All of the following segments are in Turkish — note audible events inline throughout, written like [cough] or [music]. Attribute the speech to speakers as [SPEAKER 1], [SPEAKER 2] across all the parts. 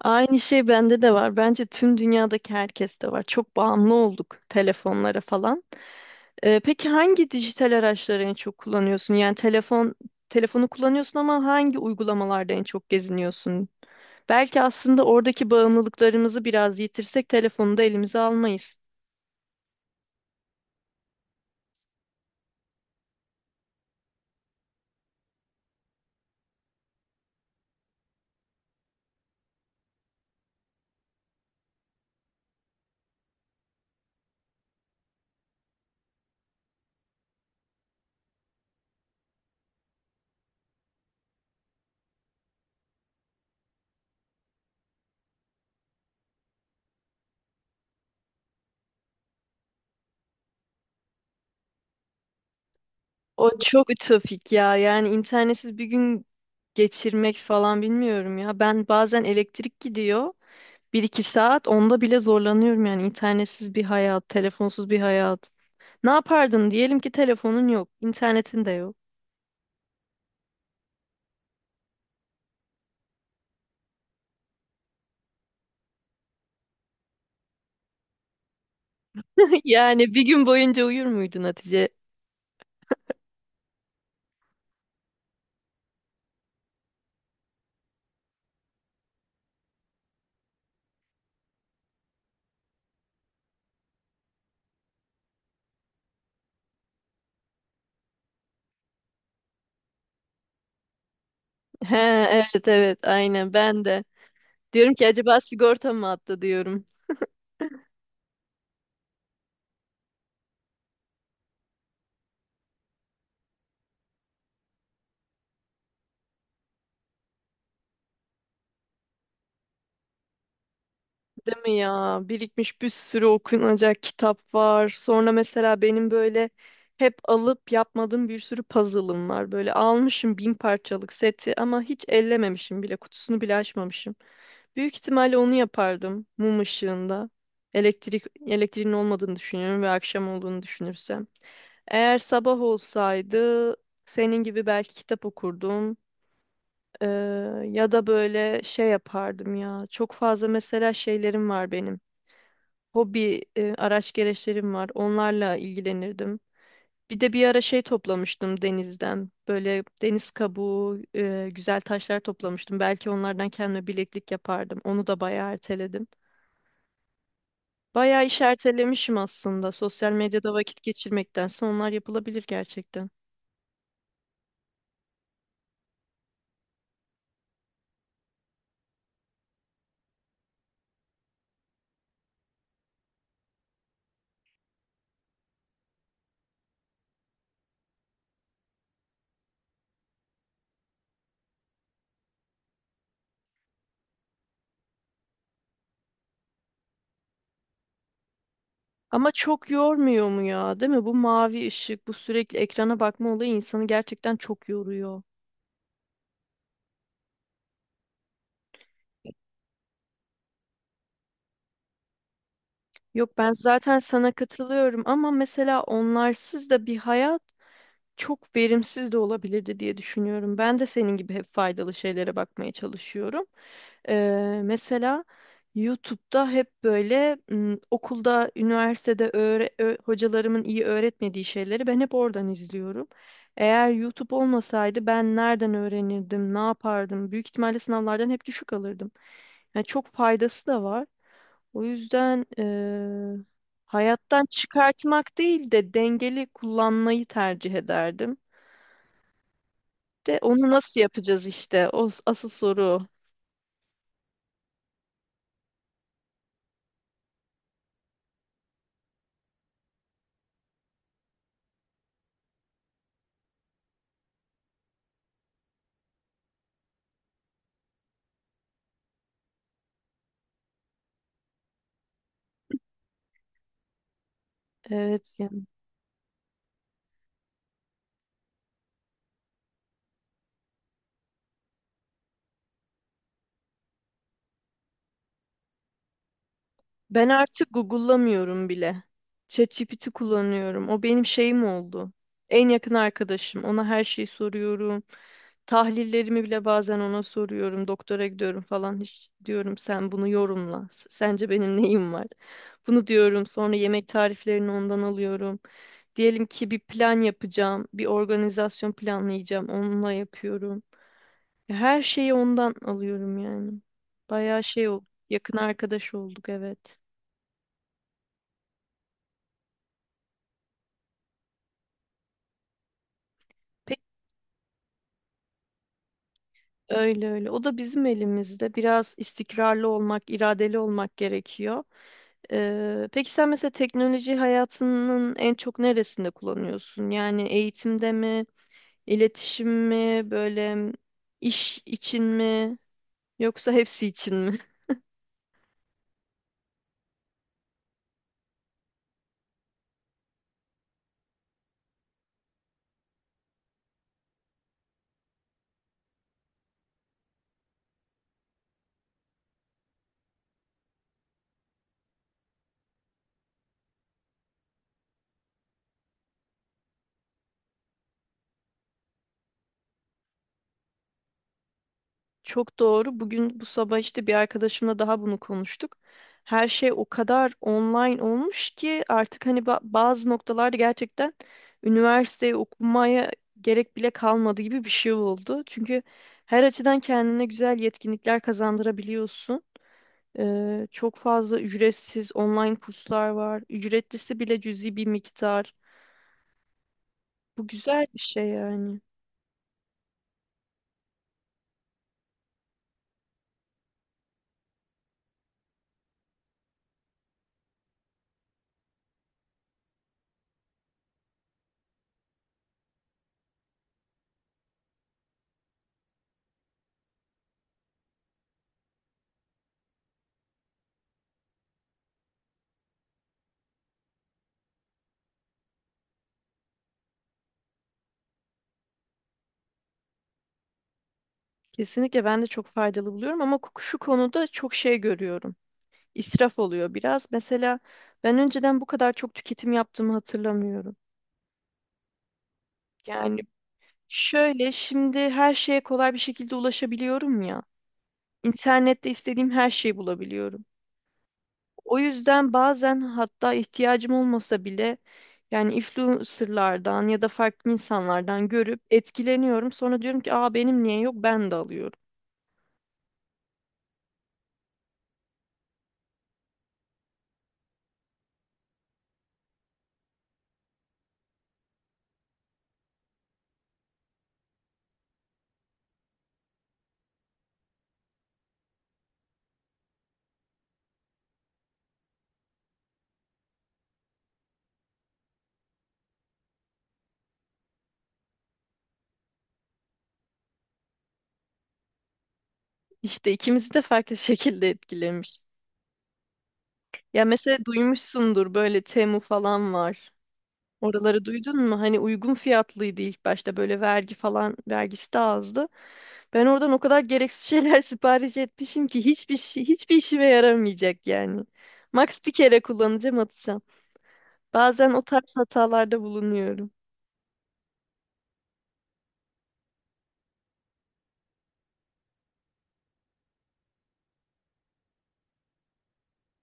[SPEAKER 1] Aynı şey bende de var. Bence tüm dünyadaki herkeste var. Çok bağımlı olduk telefonlara falan. Peki hangi dijital araçları en çok kullanıyorsun? Yani telefonu kullanıyorsun ama hangi uygulamalarda en çok geziniyorsun? Belki aslında oradaki bağımlılıklarımızı biraz yitirsek telefonu da elimize almayız. O çok ütopik ya. Yani internetsiz bir gün geçirmek falan bilmiyorum ya. Ben bazen elektrik gidiyor. Bir iki saat onda bile zorlanıyorum yani internetsiz bir hayat, telefonsuz bir hayat. Ne yapardın? Diyelim ki telefonun yok, internetin de yok. [laughs] Yani bir gün boyunca uyur muydun Hatice? He, evet evet aynen ben de. Diyorum ki acaba sigorta mı attı diyorum. Değil mi ya? Birikmiş bir sürü okunacak kitap var. Sonra mesela benim böyle hep alıp yapmadığım bir sürü puzzle'ım var. Böyle almışım bin parçalık seti ama hiç ellememişim bile. Kutusunu bile açmamışım. Büyük ihtimalle onu yapardım mum ışığında. Elektriğin olmadığını düşünüyorum ve akşam olduğunu düşünürsem. Eğer sabah olsaydı senin gibi belki kitap okurdum. Ee, Ya da böyle şey yapardım ya. Çok fazla mesela şeylerim var benim. Hobi araç gereçlerim var. Onlarla ilgilenirdim. Bir de bir ara şey toplamıştım denizden. Böyle deniz kabuğu, güzel taşlar toplamıştım. Belki onlardan kendime bileklik yapardım. Onu da bayağı erteledim. Bayağı iş ertelemişim aslında. Sosyal medyada vakit geçirmektense onlar yapılabilir gerçekten. Ama çok yormuyor mu ya, değil mi? Bu mavi ışık, bu sürekli ekrana bakma olayı insanı gerçekten çok yoruyor. Yok ben zaten sana katılıyorum ama mesela onlarsız da bir hayat çok verimsiz de olabilirdi diye düşünüyorum. Ben de senin gibi hep faydalı şeylere bakmaya çalışıyorum. Mesela YouTube'da hep böyle okulda, üniversitede hocalarımın iyi öğretmediği şeyleri ben hep oradan izliyorum. Eğer YouTube olmasaydı ben nereden öğrenirdim, ne yapardım? Büyük ihtimalle sınavlardan hep düşük alırdım. Yani çok faydası da var. O yüzden hayattan çıkartmak değil de dengeli kullanmayı tercih ederdim. De onu nasıl yapacağız işte? O asıl soru. Evet yani. Ben artık Google'lamıyorum bile. ChatGPT kullanıyorum. O benim şeyim oldu. En yakın arkadaşım. Ona her şeyi soruyorum. Tahlillerimi bile bazen ona soruyorum. Doktora gidiyorum falan. Hiç diyorum sen bunu yorumla. Sence benim neyim var? Bunu diyorum. Sonra yemek tariflerini ondan alıyorum. Diyelim ki bir plan yapacağım. Bir organizasyon planlayacağım. Onunla yapıyorum. Ya, her şeyi ondan alıyorum yani. Bayağı şey oldu. Yakın arkadaş olduk, evet. Peki, öyle öyle. O da bizim elimizde. Biraz istikrarlı olmak, iradeli olmak gerekiyor. Peki sen mesela teknoloji hayatının en çok neresinde kullanıyorsun? Yani eğitimde mi, iletişim mi, böyle iş için mi, yoksa hepsi için mi? Çok doğru. Bugün bu sabah işte bir arkadaşımla daha bunu konuştuk. Her şey o kadar online olmuş ki artık hani bazı noktalarda gerçekten üniversiteyi okumaya gerek bile kalmadı gibi bir şey oldu. Çünkü her açıdan kendine güzel yetkinlikler kazandırabiliyorsun. Çok fazla ücretsiz online kurslar var. Ücretlisi bile cüzi bir miktar. Bu güzel bir şey yani. Kesinlikle ben de çok faydalı buluyorum ama şu konuda çok şey görüyorum. İsraf oluyor biraz. Mesela ben önceden bu kadar çok tüketim yaptığımı hatırlamıyorum. Yani şöyle, şimdi her şeye kolay bir şekilde ulaşabiliyorum ya. İnternette istediğim her şeyi bulabiliyorum. O yüzden bazen hatta ihtiyacım olmasa bile yani influencerlardan ya da farklı insanlardan görüp etkileniyorum. Sonra diyorum ki aa benim niye yok ben de alıyorum. İşte ikimizi de farklı [laughs] şekilde etkilemiş. Ya mesela duymuşsundur, böyle Temu falan var. Oraları duydun mu? Hani uygun fiyatlıydı ilk başta, böyle vergi falan vergisi de azdı. Ben oradan o kadar gereksiz şeyler [laughs] sipariş etmişim ki hiçbir şey, hiçbir işime yaramayacak yani. Max bir kere kullanacağım, atacağım. Bazen o tarz hatalarda bulunuyorum.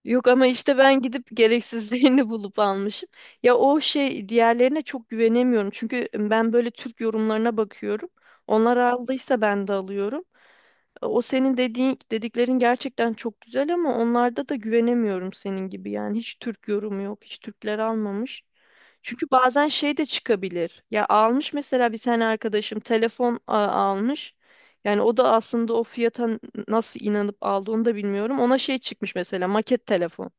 [SPEAKER 1] Yok ama işte ben gidip gereksizlerini [laughs] bulup almışım. Ya o şey, diğerlerine çok güvenemiyorum. Çünkü ben böyle Türk yorumlarına bakıyorum. Onlar aldıysa ben de alıyorum. O senin dediklerin gerçekten çok güzel ama onlarda da güvenemiyorum senin gibi. Yani hiç Türk yorumu yok. Hiç Türkler almamış. Çünkü bazen şey de çıkabilir. Ya almış mesela, bir tane arkadaşım telefon almış. Yani o da aslında o fiyata nasıl inanıp aldı onu da bilmiyorum. Ona şey çıkmış mesela, maket telefon.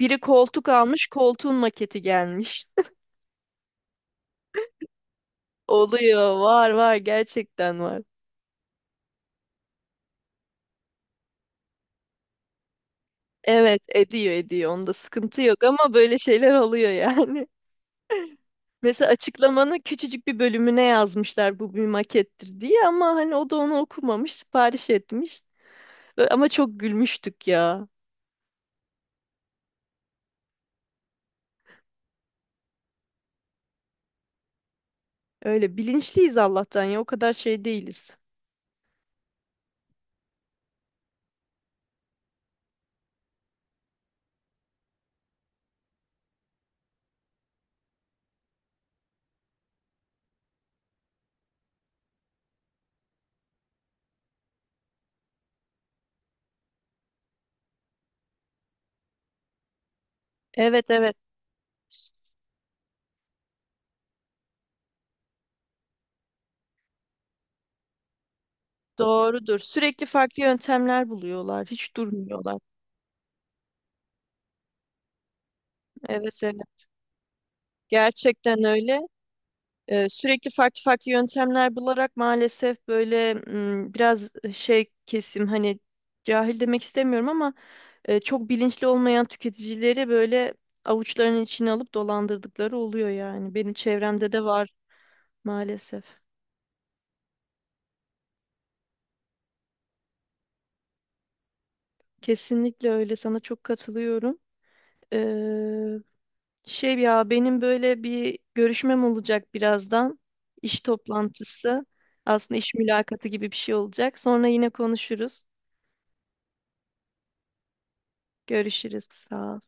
[SPEAKER 1] Biri koltuk almış, koltuğun maketi gelmiş. [laughs] Oluyor, var gerçekten var. Evet, ediyor ediyor. Onda sıkıntı yok ama böyle şeyler oluyor yani. Mesela açıklamanın küçücük bir bölümüne yazmışlar bu bir makettir diye ama hani o da onu okumamış, sipariş etmiş. Ama çok gülmüştük ya. Öyle bilinçliyiz Allah'tan, ya o kadar şey değiliz. Evet evet, doğrudur. Sürekli farklı yöntemler buluyorlar. Hiç durmuyorlar. Evet evet. Gerçekten öyle. Sürekli farklı farklı yöntemler bularak maalesef böyle biraz şey kesim, hani cahil demek istemiyorum ama çok bilinçli olmayan tüketicileri böyle avuçlarının içine alıp dolandırdıkları oluyor yani. Benim çevremde de var maalesef. Kesinlikle öyle. Sana çok katılıyorum. Ee, Şey ya, benim böyle bir görüşmem olacak birazdan. İş toplantısı. Aslında iş mülakatı gibi bir şey olacak. Sonra yine konuşuruz. Görüşürüz. Sağ ol.